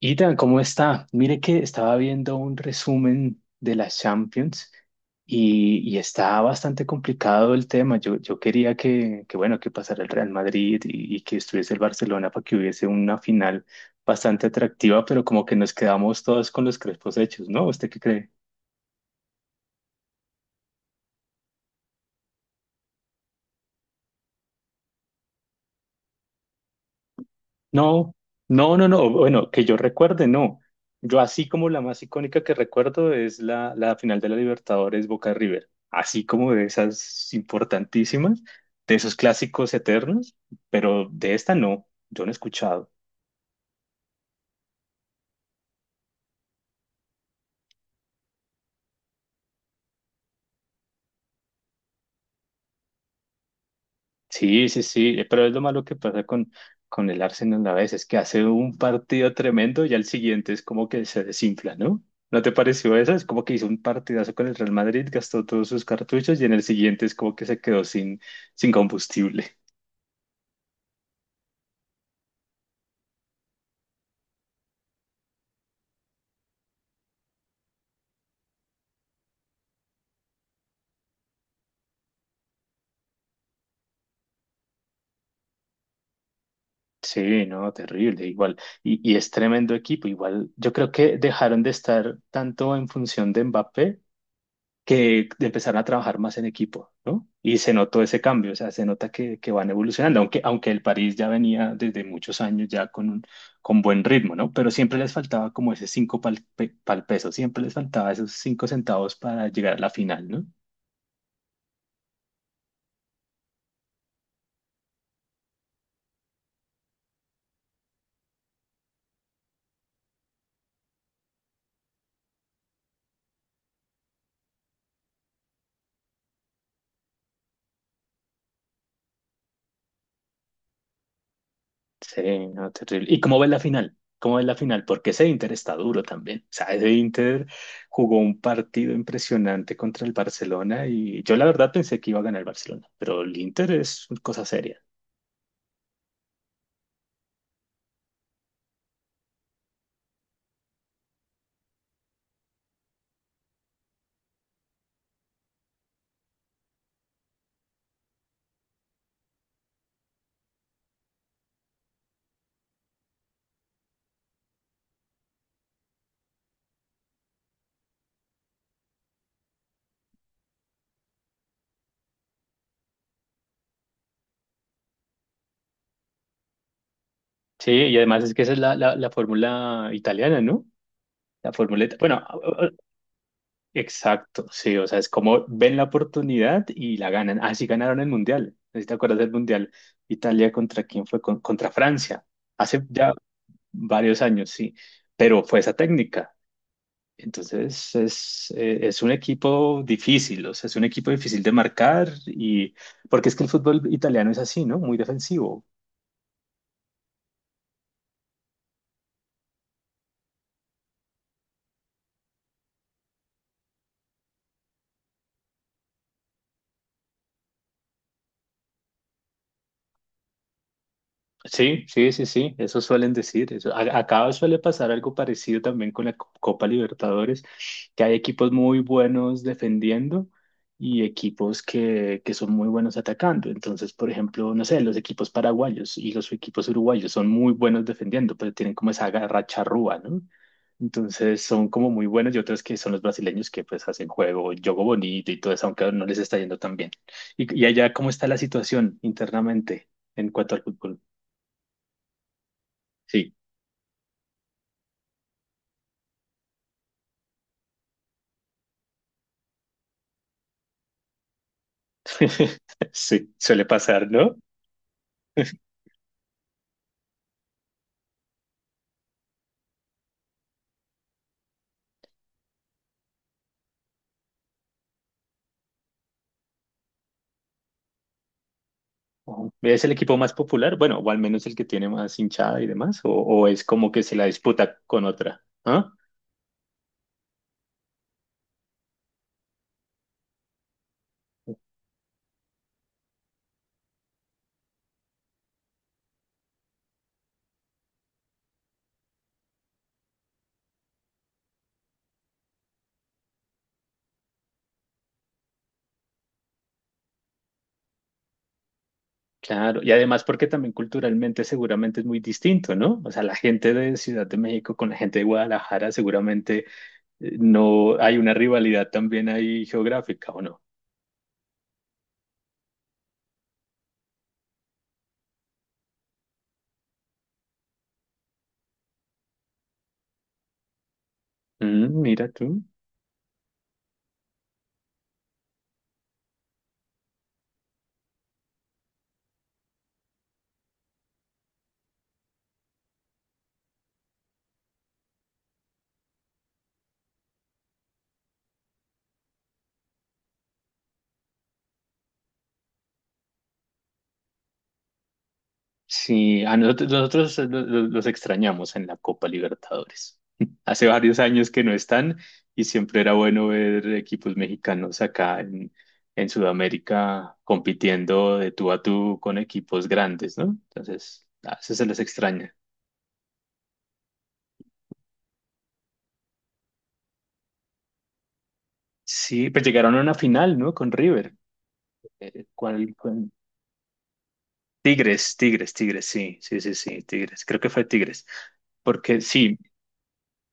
Ida, ¿cómo está? Mire que estaba viendo un resumen de las Champions y, está bastante complicado el tema. Yo quería que pasara el Real Madrid y, que estuviese el Barcelona para que hubiese una final bastante atractiva, pero como que nos quedamos todos con los crespos hechos, ¿no? ¿Usted qué cree? No, no, no, no. Bueno, que yo recuerde, no. Yo así como la más icónica que recuerdo es la final de la Libertadores Boca River. Así como de esas importantísimas, de esos clásicos eternos, pero de esta no, yo no he escuchado. Sí, sí, sí, pero es lo malo que pasa con el Arsenal a veces, que hace un partido tremendo y al siguiente es como que se desinfla, ¿no? ¿No te pareció eso? Es como que hizo un partidazo con el Real Madrid, gastó todos sus cartuchos y en el siguiente es como que se quedó sin combustible. Sí, no, terrible, igual. Y, es tremendo equipo, igual. Yo creo que dejaron de estar tanto en función de Mbappé que empezaron a trabajar más en equipo, ¿no? Y se notó ese cambio, o sea, se nota que van evolucionando, aunque el París ya venía desde muchos años ya con buen ritmo, ¿no? Pero siempre les faltaba como ese pal peso, siempre les faltaba esos cinco centavos para llegar a la final, ¿no? Sí, no, terrible. ¿Y cómo ves la final? ¿Cómo ves la final? Porque ese Inter está duro también. O sea, ese Inter jugó un partido impresionante contra el Barcelona y yo la verdad pensé que iba a ganar el Barcelona, pero el Inter es una cosa seria. Sí, y además es que esa es la fórmula italiana, ¿no? La fórmula, ita- bueno, a- Exacto, sí, o sea, es como ven la oportunidad y la ganan. Así ganaron el Mundial, no sé si te acuerdas del Mundial, Italia contra quién fue, contra Francia, hace ya varios años, sí, pero fue esa técnica. Entonces es un equipo difícil, o sea, es un equipo difícil de marcar y porque es que el fútbol italiano es así, ¿no? Muy defensivo. Sí, sí, sí, sí, eso suelen decir. Eso. Acá suele pasar algo parecido también con la Copa Libertadores, que hay equipos muy buenos defendiendo y equipos que son muy buenos atacando. Entonces, por ejemplo, no sé, los equipos paraguayos y los equipos uruguayos son muy buenos defendiendo, pero tienen como esa garra charrúa, ¿no? Entonces son como muy buenos y otros que son los brasileños que pues hacen juego, juego bonito y todo eso, aunque no les está yendo tan bien. Y, allá, ¿cómo está la situación internamente en cuanto al fútbol? Sí, sí, suele pasar, ¿no? Ujú. ¿Es el equipo más popular? Bueno, o al menos el que tiene más hinchada y demás, o es como que se la disputa con otra, ¿ah? Claro, y además porque también culturalmente seguramente es muy distinto, ¿no? O sea, la gente de Ciudad de México con la gente de Guadalajara seguramente no hay una rivalidad también ahí geográfica, ¿o no? Mm, mira tú. Sí, a nosotros, los extrañamos en la Copa Libertadores. Hace varios años que no están y siempre era bueno ver equipos mexicanos acá en Sudamérica compitiendo de tú a tú con equipos grandes, ¿no? Entonces, a veces se les extraña. Sí, pues llegaron a una final, ¿no? Con River. ¿Cuál? Tigres, Tigres, Tigres, sí, sí, sí, sí, Tigres. Creo que fue Tigres. Porque sí,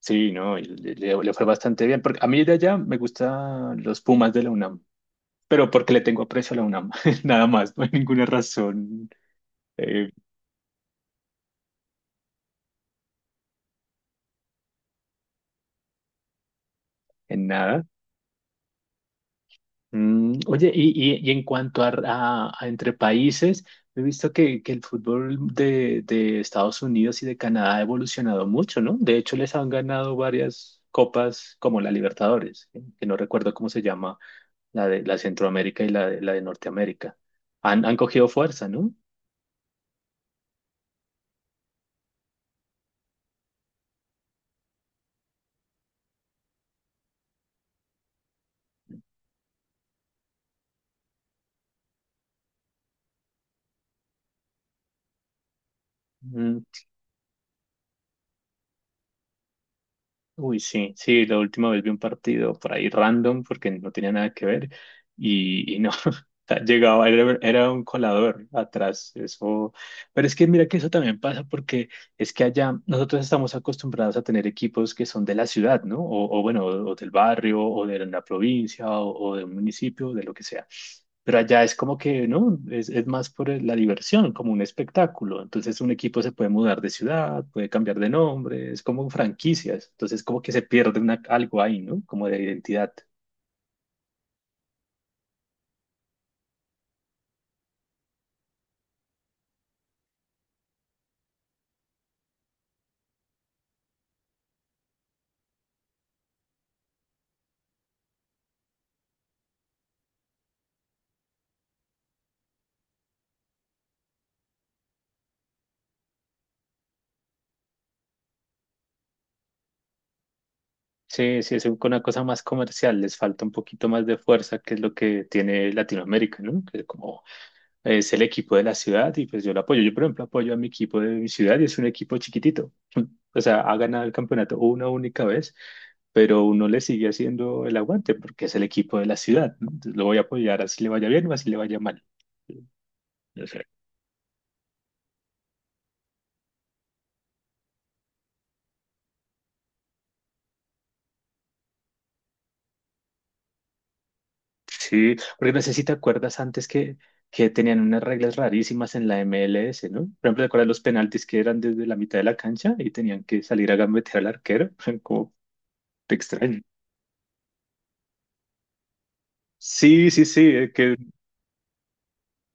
sí, no, y le fue bastante bien. Porque a mí de allá me gustan los Pumas de la UNAM, pero porque le tengo aprecio a la UNAM, nada más, no hay ninguna razón eh, en nada. Mm, oye, y en cuanto a entre países, he visto que el fútbol de Estados Unidos y de Canadá ha evolucionado mucho, ¿no? De hecho, les han ganado varias copas como la Libertadores, que no recuerdo cómo se llama, la de la Centroamérica y la la de Norteamérica. Han, han cogido fuerza, ¿no? Mm, uy, sí, sí, la última vez vi un partido por ahí random porque no tenía nada que ver y, no, o sea, llegaba, era un colador atrás, eso, pero es que mira que eso también pasa porque es que allá nosotros estamos acostumbrados a tener equipos que son de la ciudad, ¿no? O bueno, o, del barrio, o de la provincia, o de un municipio, de lo que sea. Pero allá es como que, ¿no? Es más por la diversión, como un espectáculo. Entonces un equipo se puede mudar de ciudad, puede cambiar de nombre, es como franquicias. Entonces como que se pierde una, algo ahí, ¿no? Como de identidad. Sí, sí, es una cosa más comercial, les falta un poquito más de fuerza, que es lo que tiene Latinoamérica, ¿no? Que como es el equipo de la ciudad y pues yo lo apoyo. Yo, por ejemplo, apoyo a mi equipo de mi ciudad y es un equipo chiquitito. O sea, ha ganado el campeonato una única vez, pero uno le sigue haciendo el aguante porque es el equipo de la ciudad, ¿no? Entonces lo voy a apoyar así le vaya bien o así le vaya mal. O sea, sí, porque no sé si te acuerdas antes que tenían unas reglas rarísimas en la MLS, ¿no? Por ejemplo, ¿te acuerdas los penaltis que eran desde la mitad de la cancha y tenían que salir a gambetear al arquero? Como te extraño. Sí, sí, sí, que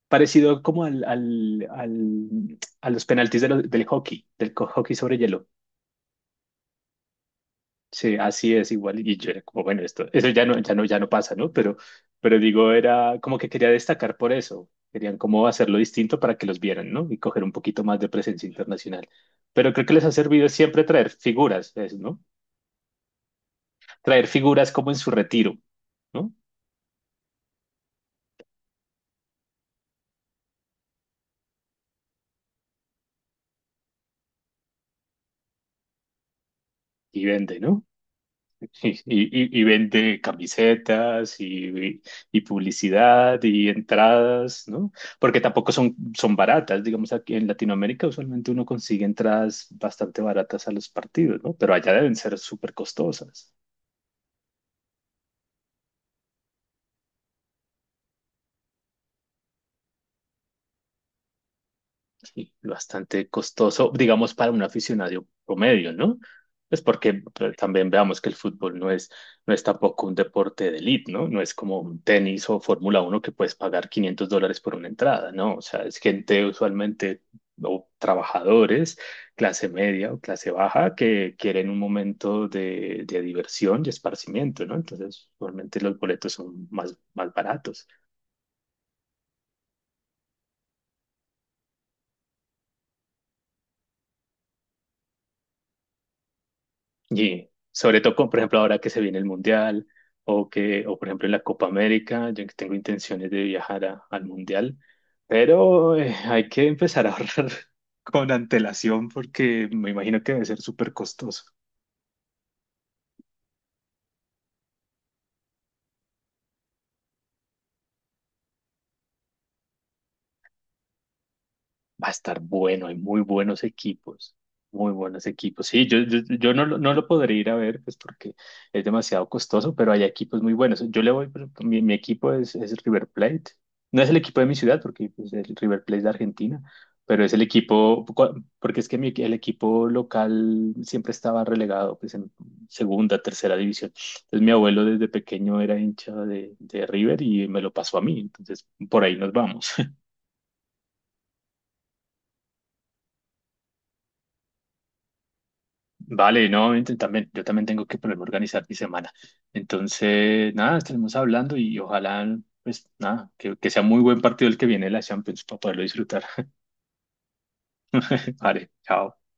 parecido como a los penaltis de del hockey, del hockey sobre hielo. Sí, así es igual. Y yo era como, bueno, esto, eso ya no, ya no pasa, ¿no? Pero digo, era como que quería destacar por eso. Querían como hacerlo distinto para que los vieran, ¿no? Y coger un poquito más de presencia internacional. Pero creo que les ha servido siempre traer figuras, es, ¿no? Traer figuras como en su retiro, ¿no? Y vende, no. Y, y vende camisetas y publicidad y entradas, ¿no? Porque tampoco son, son baratas, digamos, aquí en Latinoamérica usualmente uno consigue entradas bastante baratas a los partidos, ¿no? Pero allá deben ser súper costosas. Y bastante costoso, digamos, para un aficionado promedio, ¿no? Es porque pero también veamos que el fútbol no es, no es tampoco un deporte de élite, ¿no? No es como un tenis o Fórmula uno que puedes pagar $500 por una entrada, ¿no? O sea, es gente usualmente o trabajadores, clase media o clase baja, que quieren un momento de diversión y esparcimiento, ¿no? Entonces, usualmente los boletos son más, más baratos. Y sobre todo, con, por ejemplo, ahora que se viene el Mundial o que, o por ejemplo, en la Copa América, yo que tengo intenciones de viajar al Mundial, pero hay que empezar a ahorrar con antelación porque me imagino que debe ser súper costoso. Va a estar bueno, hay muy buenos equipos, muy buenos equipos. Sí, yo no, no lo podré ir a ver, pues porque es demasiado costoso, pero hay equipos muy buenos. Yo le voy, mi, mi equipo es el River Plate. No es el equipo de mi ciudad, porque pues, el River Plate es de Argentina, pero es el equipo, porque es que mi, el equipo local siempre estaba relegado, pues en segunda, tercera división. Entonces mi abuelo desde pequeño era hincha de River y me lo pasó a mí, entonces por ahí nos vamos. Vale, no, también, yo también tengo que ponerme a organizar mi semana. Entonces, nada, estaremos hablando y ojalá, pues nada, que sea muy buen partido el que viene de la Champions para poderlo disfrutar. Vale, chao.